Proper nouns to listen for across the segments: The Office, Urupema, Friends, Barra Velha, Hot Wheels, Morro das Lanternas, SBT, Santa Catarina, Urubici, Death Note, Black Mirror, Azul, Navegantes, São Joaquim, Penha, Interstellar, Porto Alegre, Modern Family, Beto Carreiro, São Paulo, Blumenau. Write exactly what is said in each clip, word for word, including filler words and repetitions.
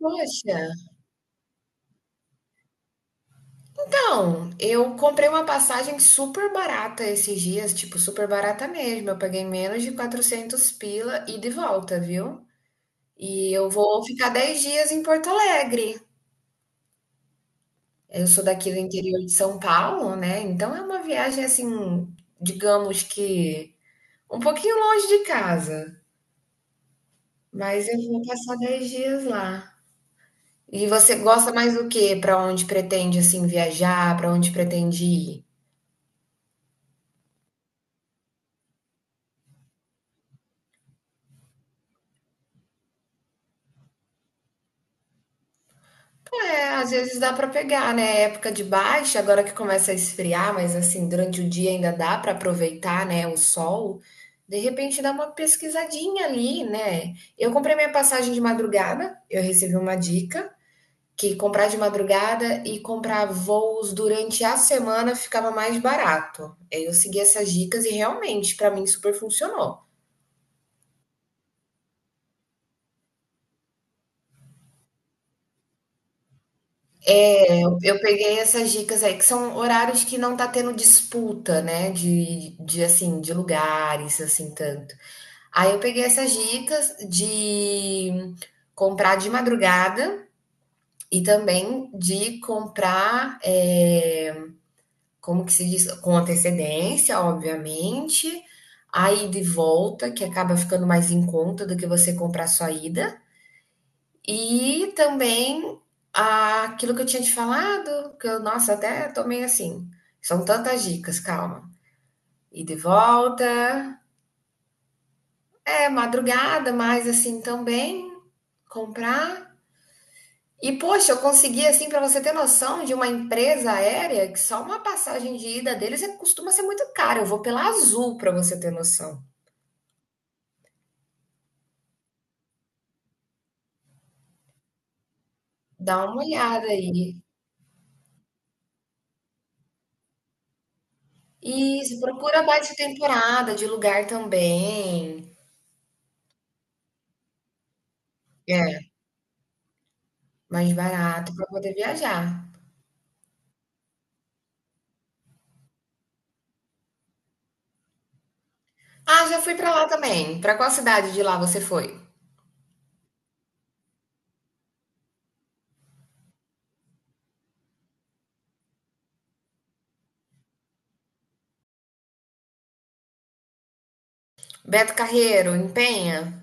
Poxa, então, eu comprei uma passagem super barata esses dias, tipo, super barata mesmo. Eu paguei menos de quatrocentos pila e de volta, viu? E eu vou ficar dez dias em Porto Alegre. Eu sou daqui do interior de São Paulo, né? Então é uma viagem assim, digamos que um pouquinho longe de casa, mas eu vou passar dez dias lá. E você gosta mais do que? Para onde pretende assim viajar? Para onde pretende ir? É, às vezes dá para pegar, né? É época de baixa, agora que começa a esfriar, mas assim, durante o dia ainda dá para aproveitar, né, o sol. De repente dá uma pesquisadinha ali, né? Eu comprei minha passagem de madrugada, eu recebi uma dica que comprar de madrugada e comprar voos durante a semana ficava mais barato. Aí eu segui essas dicas e realmente para mim super funcionou. Eu peguei essas dicas aí, que são horários que não tá tendo disputa, né? De, de assim, de lugares, assim, tanto. Aí eu peguei essas dicas de comprar de madrugada e também de comprar, é, como que se diz? Com antecedência, obviamente. A ida e volta, que acaba ficando mais em conta do que você comprar só a ida. E também ah, aquilo que eu tinha te falado, que eu, nossa, até tomei assim. São tantas dicas, calma. E de volta. É, madrugada, mas assim também comprar. E poxa, eu consegui assim para você ter noção de uma empresa aérea que só uma passagem de ida deles é- costuma ser muito cara. Eu vou pela Azul para você ter noção. Dá uma olhada aí. Isso, procura baixa temporada de lugar também. É. Mais barato para poder viajar. Ah, já fui para lá também. Para qual cidade de lá você foi? Beto Carreiro, em Penha?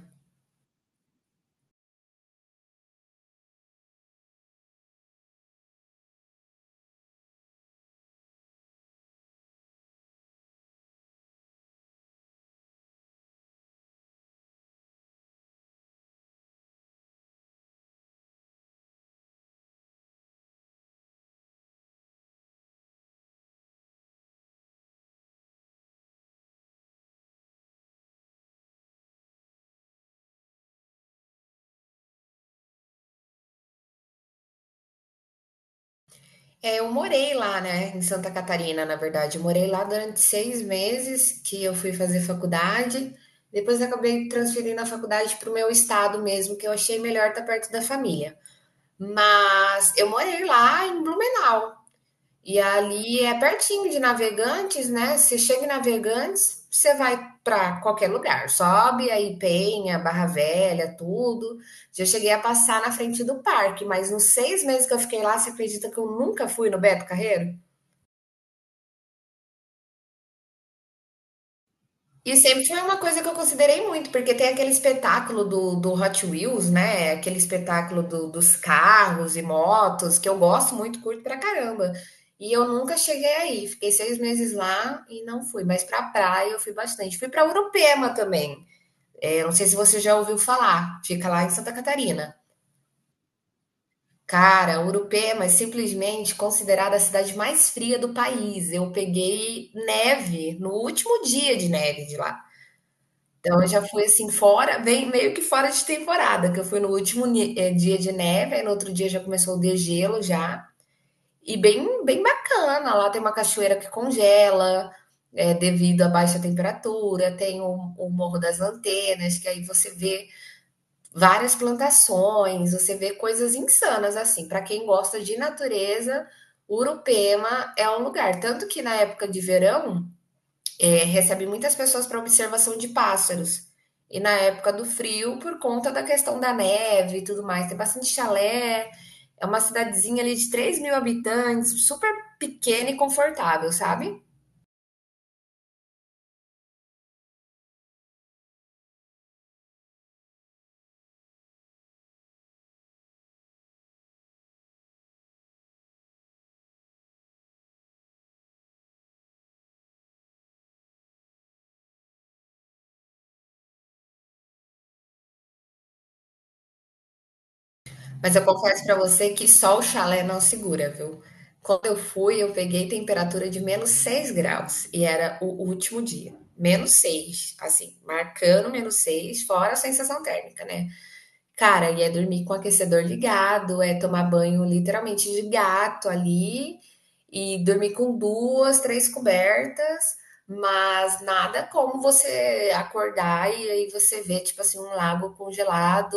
É, eu morei lá, né, em Santa Catarina, na verdade. Eu morei lá durante seis meses que eu fui fazer faculdade. Depois eu acabei transferindo a faculdade para o meu estado mesmo, que eu achei melhor estar perto da família. Mas eu morei lá em Blumenau. E ali é pertinho de Navegantes, né? Você chega em Navegantes, você vai para qualquer lugar. Sobe aí Penha, Barra Velha, tudo. Já cheguei a passar na frente do parque, mas nos seis meses que eu fiquei lá, você acredita que eu nunca fui no Beto Carreiro? E sempre foi uma coisa que eu considerei muito, porque tem aquele espetáculo do, do Hot Wheels, né? Aquele espetáculo do- dos carros e motos, que eu gosto muito, curto pra caramba. E eu nunca cheguei aí. Fiquei seis meses lá e não fui. Mas pra praia eu fui bastante. Fui pra Urupema também. É, não sei se você já ouviu falar. Fica lá em Santa Catarina. Cara, Urupema é simplesmente considerada a cidade mais fria do país. Eu peguei neve no último dia de neve de lá. Então eu já fui assim fora, bem meio que fora de temporada, que eu fui no último ni- eh, dia de neve, aí no outro dia já começou o degelo já. E bem, bem bacana, lá tem uma cachoeira que congela, eh, devido à baixa temperatura, tem o, o Morro das Lanternas, que aí você vê várias plantações, você vê coisas insanas assim. Para quem gosta de natureza, Urupema é um lugar. Tanto que na época de verão é, recebe muitas pessoas para observação de pássaros. E na época do frio, por conta da questão da neve e tudo mais, tem bastante chalé. É uma cidadezinha ali de três mil habitantes, super pequena e confortável, sabe? Mas eu confesso para você que só o chalé não segura, viu? Quando eu fui, eu peguei temperatura de menos seis graus e era o último dia. Menos seis assim, marcando menos seis fora a sensação térmica, né? Cara, e é dormir com o aquecedor ligado, é tomar banho literalmente de gato ali e dormir com duas, três cobertas, mas nada como você acordar e aí você vê, tipo assim, um lago congelado,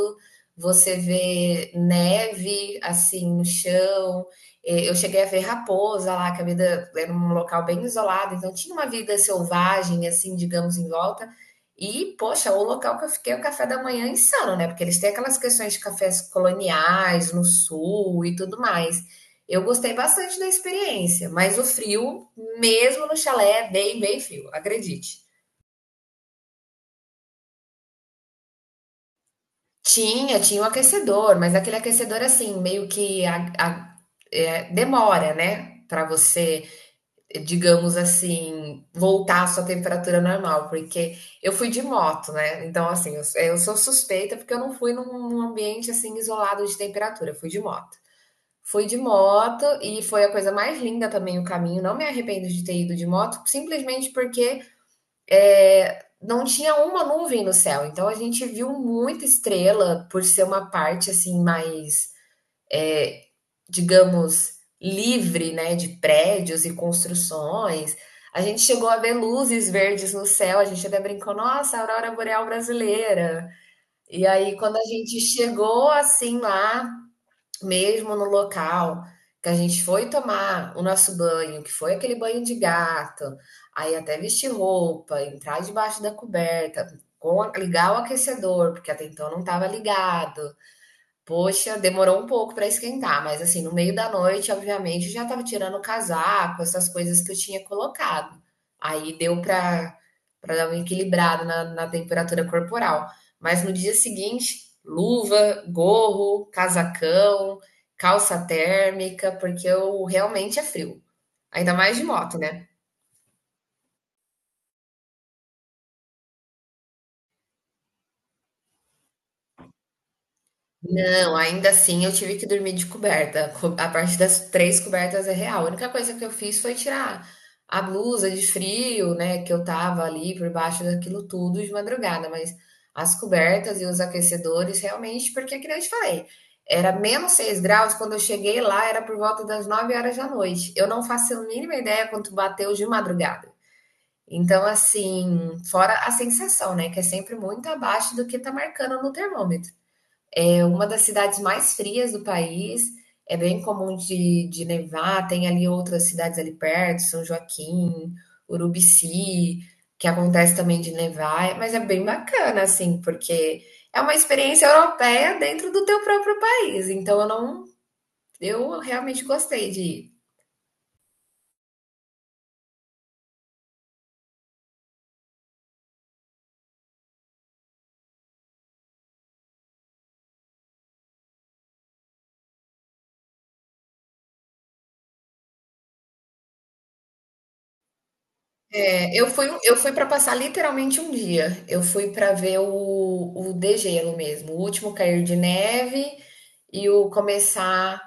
você vê neve assim no chão. Eh, Eu cheguei a ver raposa lá, que a vida era um local bem isolado, então tinha uma vida selvagem, assim, digamos, em volta, e, poxa, o local que eu fiquei, é o café da manhã é insano, né? Porque eles têm aquelas questões de cafés coloniais no sul e tudo mais. Eu gostei bastante da experiência, mas o frio, mesmo no chalé, é bem, bem frio, acredite. Tinha, tinha um aquecedor, mas aquele aquecedor assim, meio que a- a- é, demora, né? Para você digamos assim, voltar à sua temperatura normal, porque eu fui de moto, né? Então, assim, eu, eu sou suspeita porque eu não fui num, num ambiente assim isolado de temperatura, eu fui de moto. Fui de moto e foi a coisa mais linda também o caminho. Não me arrependo de ter ido de moto, simplesmente porque não tinha uma nuvem no céu. Então a gente viu muita estrela por ser uma parte assim mais digamos, livre, né, de prédios e construções. A gente chegou a ver luzes verdes no céu, a gente até brincou, nossa, aurora boreal brasileira. E aí, quando a gente chegou assim lá, mesmo no local, que a gente foi tomar o nosso banho, que foi aquele banho de gato, aí até vestir roupa, entrar debaixo da coberta, com- ligar o aquecedor, porque até então não estava ligado. Poxa, demorou um pouco para esquentar, mas assim, no meio da noite, obviamente, eu já estava tirando o casaco, essas coisas que eu tinha colocado. Aí deu para para dar uma equilibrada na, na temperatura corporal. Mas no dia seguinte, luva, gorro, casacão, calça térmica, porque eu realmente é frio. Ainda mais de moto, né? Não, ainda assim eu tive que dormir de coberta. Co- A parte das três cobertas é real. A única coisa que eu fiz foi tirar a blusa de frio, né, que eu tava ali por baixo daquilo tudo de madrugada, mas as cobertas e os aquecedores realmente, porque que nem eu te falei, era menos seis graus, quando eu cheguei lá era por volta das nove horas da noite. Eu não faço a mínima ideia quanto bateu de madrugada. Então, assim, fora a sensação, né, que é sempre muito abaixo do que tá marcando no termômetro. É uma das cidades mais frias do país, é bem comum de, de nevar, tem ali outras cidades ali perto, São Joaquim, Urubici, que acontece também de nevar, é, mas é bem bacana, assim, porque é uma experiência europeia dentro do teu próprio país, então eu não, eu realmente gostei de ir. É, eu fui, um, eu fui para passar literalmente um dia, eu fui para ver o, o degelo mesmo, o último cair de neve e o começar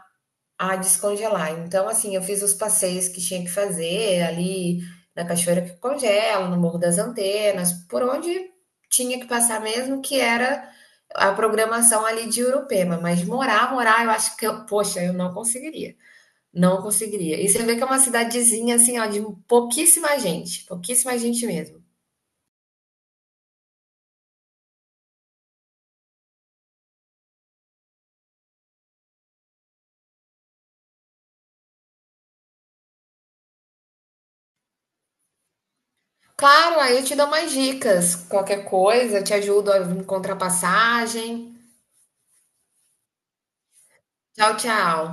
a descongelar. Então, assim, eu fiz os passeios que tinha que fazer ali na Cachoeira que Congela, no Morro das Antenas, por onde tinha que passar mesmo, que era a programação ali de Urupema. Mas morar, morar, eu acho que eu, poxa, eu não conseguiria. Não conseguiria. E você vê que é uma cidadezinha, assim, ó, de pouquíssima gente, pouquíssima gente mesmo. Claro, aí eu te dou mais dicas, qualquer coisa, eu te ajudo a encontrar passagem. Tchau, tchau.